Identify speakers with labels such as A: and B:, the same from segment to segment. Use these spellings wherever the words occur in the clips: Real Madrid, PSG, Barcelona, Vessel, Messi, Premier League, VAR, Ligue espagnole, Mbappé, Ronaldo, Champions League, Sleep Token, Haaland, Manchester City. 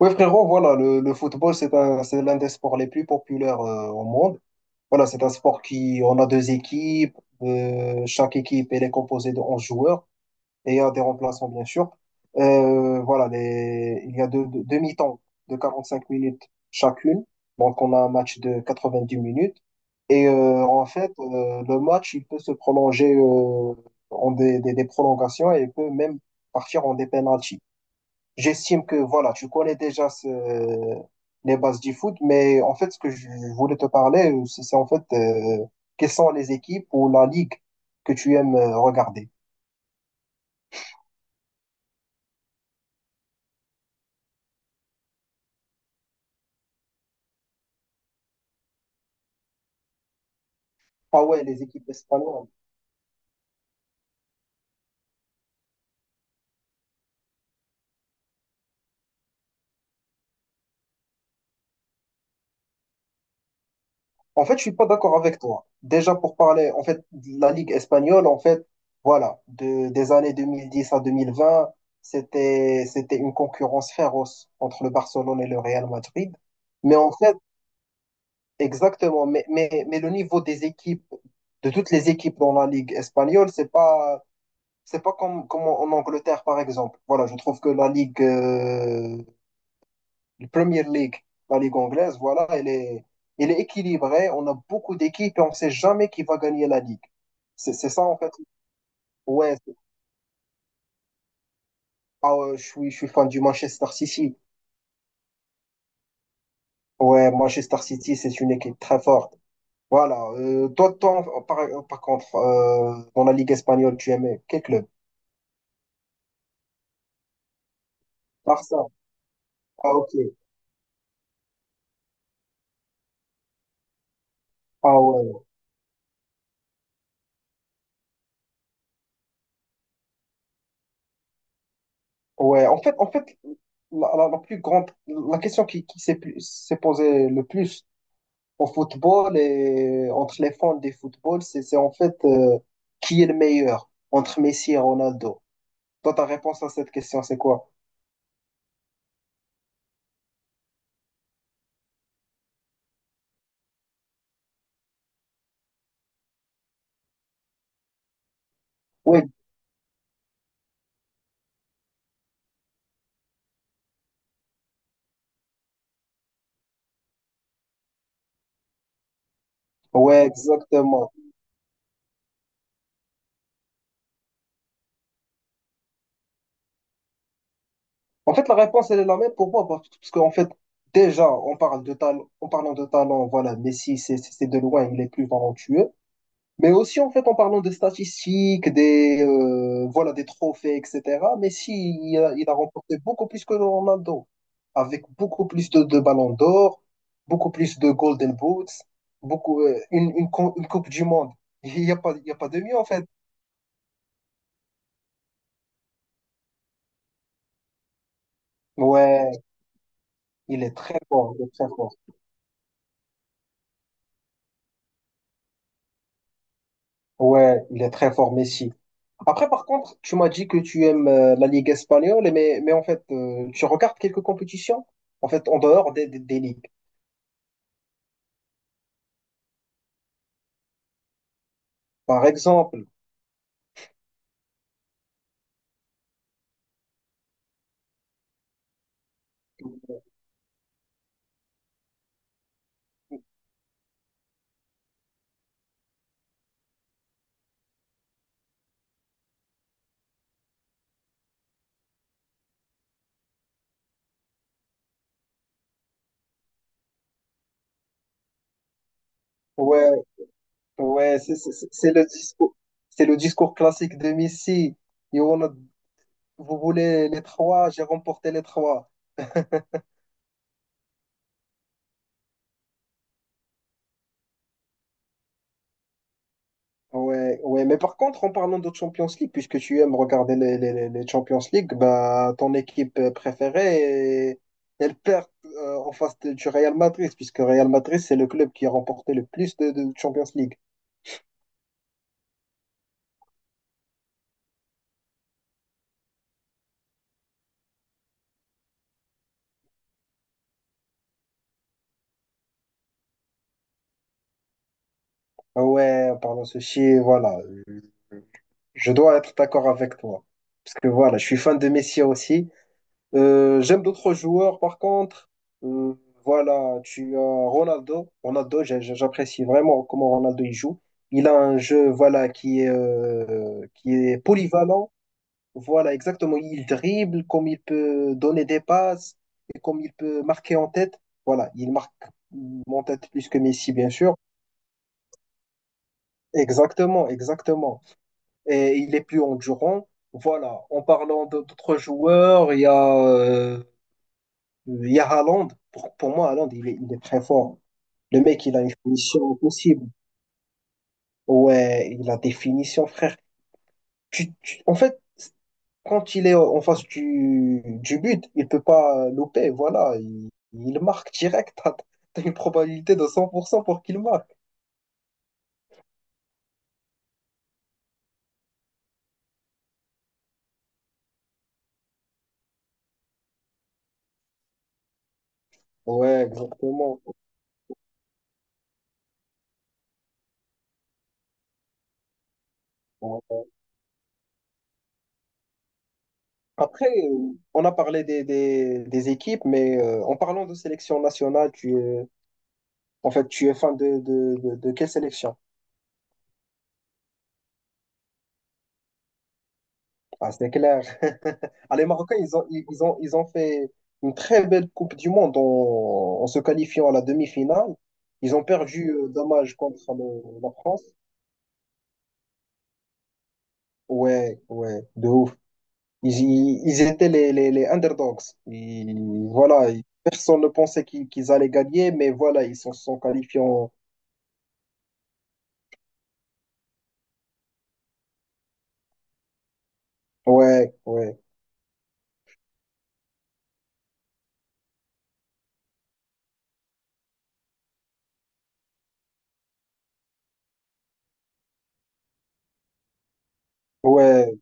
A: Oui, frérot, voilà, le football, c'est l'un des sports les plus populaires au monde. Voilà, c'est un sport qui, on a deux équipes, chaque équipe, elle est composée de 11 joueurs, et il y a des remplaçants, bien sûr. Voilà, il y a deux mi-temps de 45 minutes chacune, donc on a un match de 90 minutes. Et en fait, le match, il peut se prolonger en des prolongations, et il peut même partir en des pénaltys. J'estime que voilà, tu connais déjà les bases du foot, mais en fait, ce que je voulais te parler, c'est en fait quelles sont les équipes ou la ligue que tu aimes regarder. Ah ouais, les équipes espagnoles. En fait, je suis pas d'accord avec toi. Déjà pour parler, en fait, de la ligue espagnole, en fait, voilà, des années 2010 à 2020, c'était une concurrence féroce entre le Barcelone et le Real Madrid. Mais en fait, exactement, mais le niveau des équipes, de toutes les équipes dans la Ligue espagnole, c'est pas comme, comme en Angleterre, par exemple. Voilà, je trouve que la Ligue, la Premier League, la Ligue anglaise, voilà, elle est équilibrée. On a beaucoup d'équipes et on sait jamais qui va gagner la Ligue. C'est ça, en fait. Ouais, ah ouais, je suis fan du Manchester City. Ouais, Manchester City, c'est une équipe très forte. Voilà, toi, par contre, dans la Ligue espagnole, tu aimais quel club? Barça. Ah, ok. Ah, ouais. Ouais. En fait, la question qui s'est posée le plus au football et entre les fans des football, c'est en fait qui est le meilleur entre Messi et Ronaldo. Toi, ta réponse à cette question, c'est quoi? Oui. Ouais, exactement. En fait, la réponse, elle est la même pour moi, parce qu'en fait, déjà, on parle de talent, en parlant de talent, voilà, Messi, c'est de loin, il est plus talentueux. Mais aussi, en fait, en parlant de statistiques, voilà, des trophées, etc., Messi, il a remporté beaucoup plus que Ronaldo, avec beaucoup plus de ballons d'or, beaucoup plus de Golden Boots, beaucoup, une Coupe du Monde. Il y a pas de mieux, en fait. Ouais, il est très fort, il est très fort. Ouais, il est très fort, Messi. Après, par contre, tu m'as dit que tu aimes la Ligue espagnole, mais en fait, tu regardes quelques compétitions, en fait, en dehors des ligues. Par exemple, ouais, ouais, c'est le discours classique de Messi. Et vous voulez les trois, j'ai remporté les trois. Ouais, ouais, mais par contre, en parlant de Champions League, puisque tu aimes regarder les Champions League, bah, ton équipe préférée, elle perd en face du Real Madrid, puisque Real Madrid, c'est le club qui a remporté le plus de Champions League. Ouais, en parlant de ceci, voilà. Je dois être d'accord avec toi. Parce que voilà, je suis fan de Messi aussi. J'aime d'autres joueurs, par contre. Euh, voilà, tu as Ronaldo. Ronaldo, j'apprécie vraiment comment Ronaldo il joue. Il a un jeu, voilà, qui est polyvalent. Voilà, exactement. Il dribble, comme il peut donner des passes, et comme il peut marquer en tête. Voilà, il marque en tête plus que Messi, bien sûr. Exactement, exactement. Et il est plus endurant. Voilà, en parlant d'autres joueurs, il y a Haaland. Pour moi, Haaland, il est très fort. Le mec, il a une finition impossible. Ouais, il a des finitions, frère. En fait, quand il est en face du but, il peut pas louper. Voilà, il marque direct. T'as une probabilité de 100% pour qu'il marque. Ouais, exactement. Ouais. Après, on a parlé des équipes, mais en parlant de sélection nationale, tu es fan de quelle sélection? Ah, c'est clair. Ah, les Marocains, ils ont fait une très belle Coupe du Monde en se qualifiant à la demi-finale. Ils ont perdu, dommage, contre la France. Ouais, ouais, de ouf. Ils étaient les underdogs. Et voilà, personne ne pensait qu'ils allaient gagner, mais voilà, ils se sont qualifiés en. Ouais, ouais, ouais,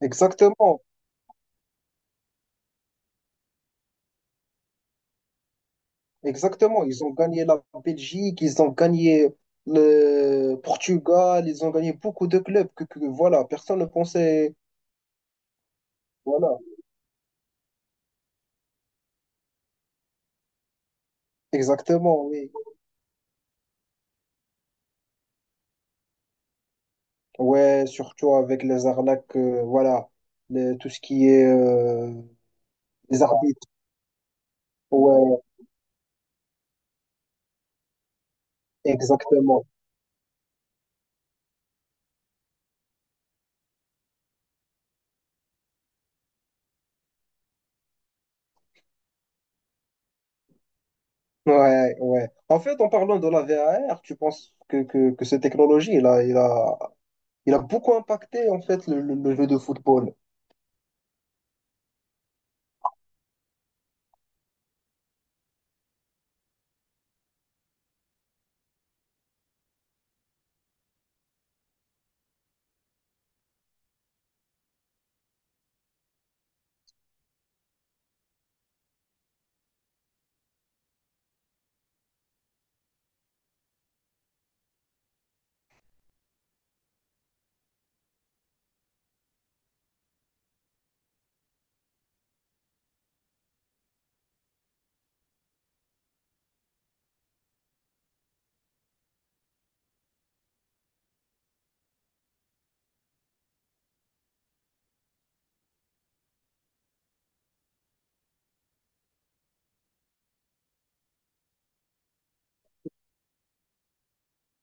A: exactement, exactement. Ils ont gagné la Belgique, ils ont gagné le Portugal, ils ont gagné beaucoup de clubs que voilà, personne ne pensait. Voilà, exactement, oui. Ouais, surtout avec les arnaques, voilà, tout ce qui est les arbitres. Ouais, exactement. Ouais, ouais. En fait, en parlant de la VAR, tu penses que, cette technologie, il a beaucoup impacté en fait le jeu de football.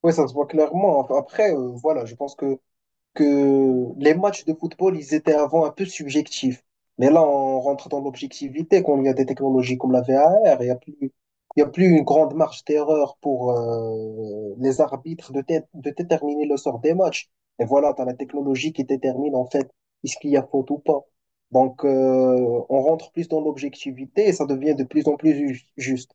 A: Ouais, ça se voit clairement. Enfin, après, voilà, je pense que les matchs de football, ils étaient avant un peu subjectifs. Mais là, on rentre dans l'objectivité quand il y a des technologies comme la VAR. Il n'y a plus, il y a plus une grande marge d'erreur pour les arbitres de déterminer le sort des matchs. Et voilà, tu as la technologie qui détermine en fait est-ce qu'il y a faute ou pas. Donc, on rentre plus dans l'objectivité et ça devient de plus en plus juste.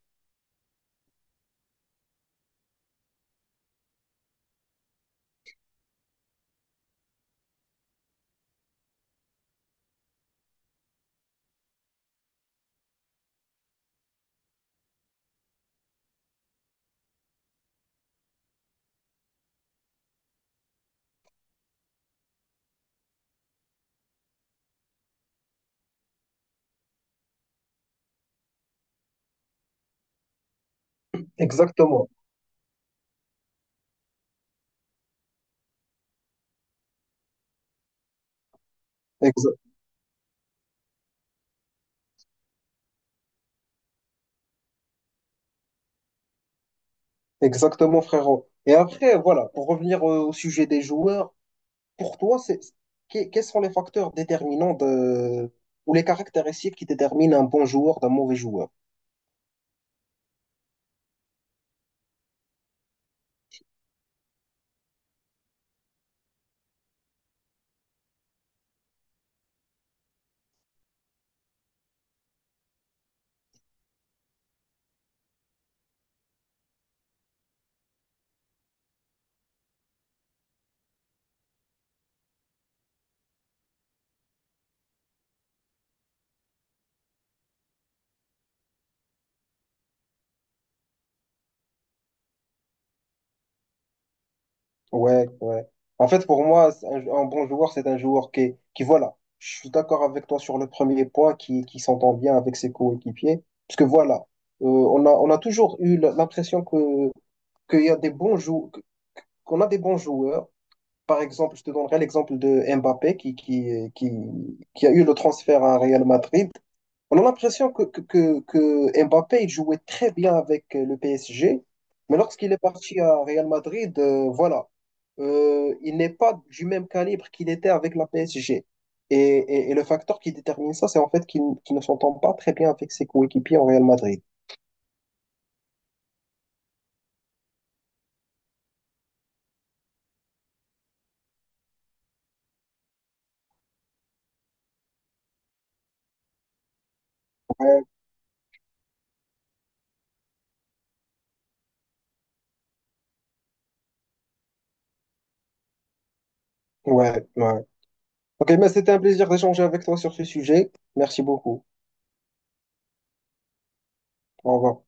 A: Exactement. Exa- exactement, frérot. Et après, voilà, pour revenir au sujet des joueurs, pour toi, quels sont les facteurs déterminants ou les caractéristiques qui déterminent un bon joueur d'un mauvais joueur? Ouais, ouais. En fait, pour moi, c'est un bon joueur, c'est un joueur qui, voilà, je suis d'accord avec toi sur le premier point, qui s'entend bien avec ses coéquipiers. Parce que voilà, on a toujours eu l'impression que, qu'il y a des bons jou- qu'on a des bons joueurs. Par exemple, je te donnerai l'exemple de Mbappé qui a eu le transfert à Real Madrid. On a l'impression que Mbappé il jouait très bien avec le PSG, mais lorsqu'il est parti à Real Madrid, voilà, il n'est pas du même calibre qu'il était avec la PSG. Et, et le facteur qui détermine ça, c'est en fait qu'il ne s'entend pas très bien avec ses coéquipiers en Real Madrid. Ouais, ouais. Ouais. Ok, mais c'était un plaisir d'échanger avec toi sur ce sujet. Merci beaucoup. Au revoir.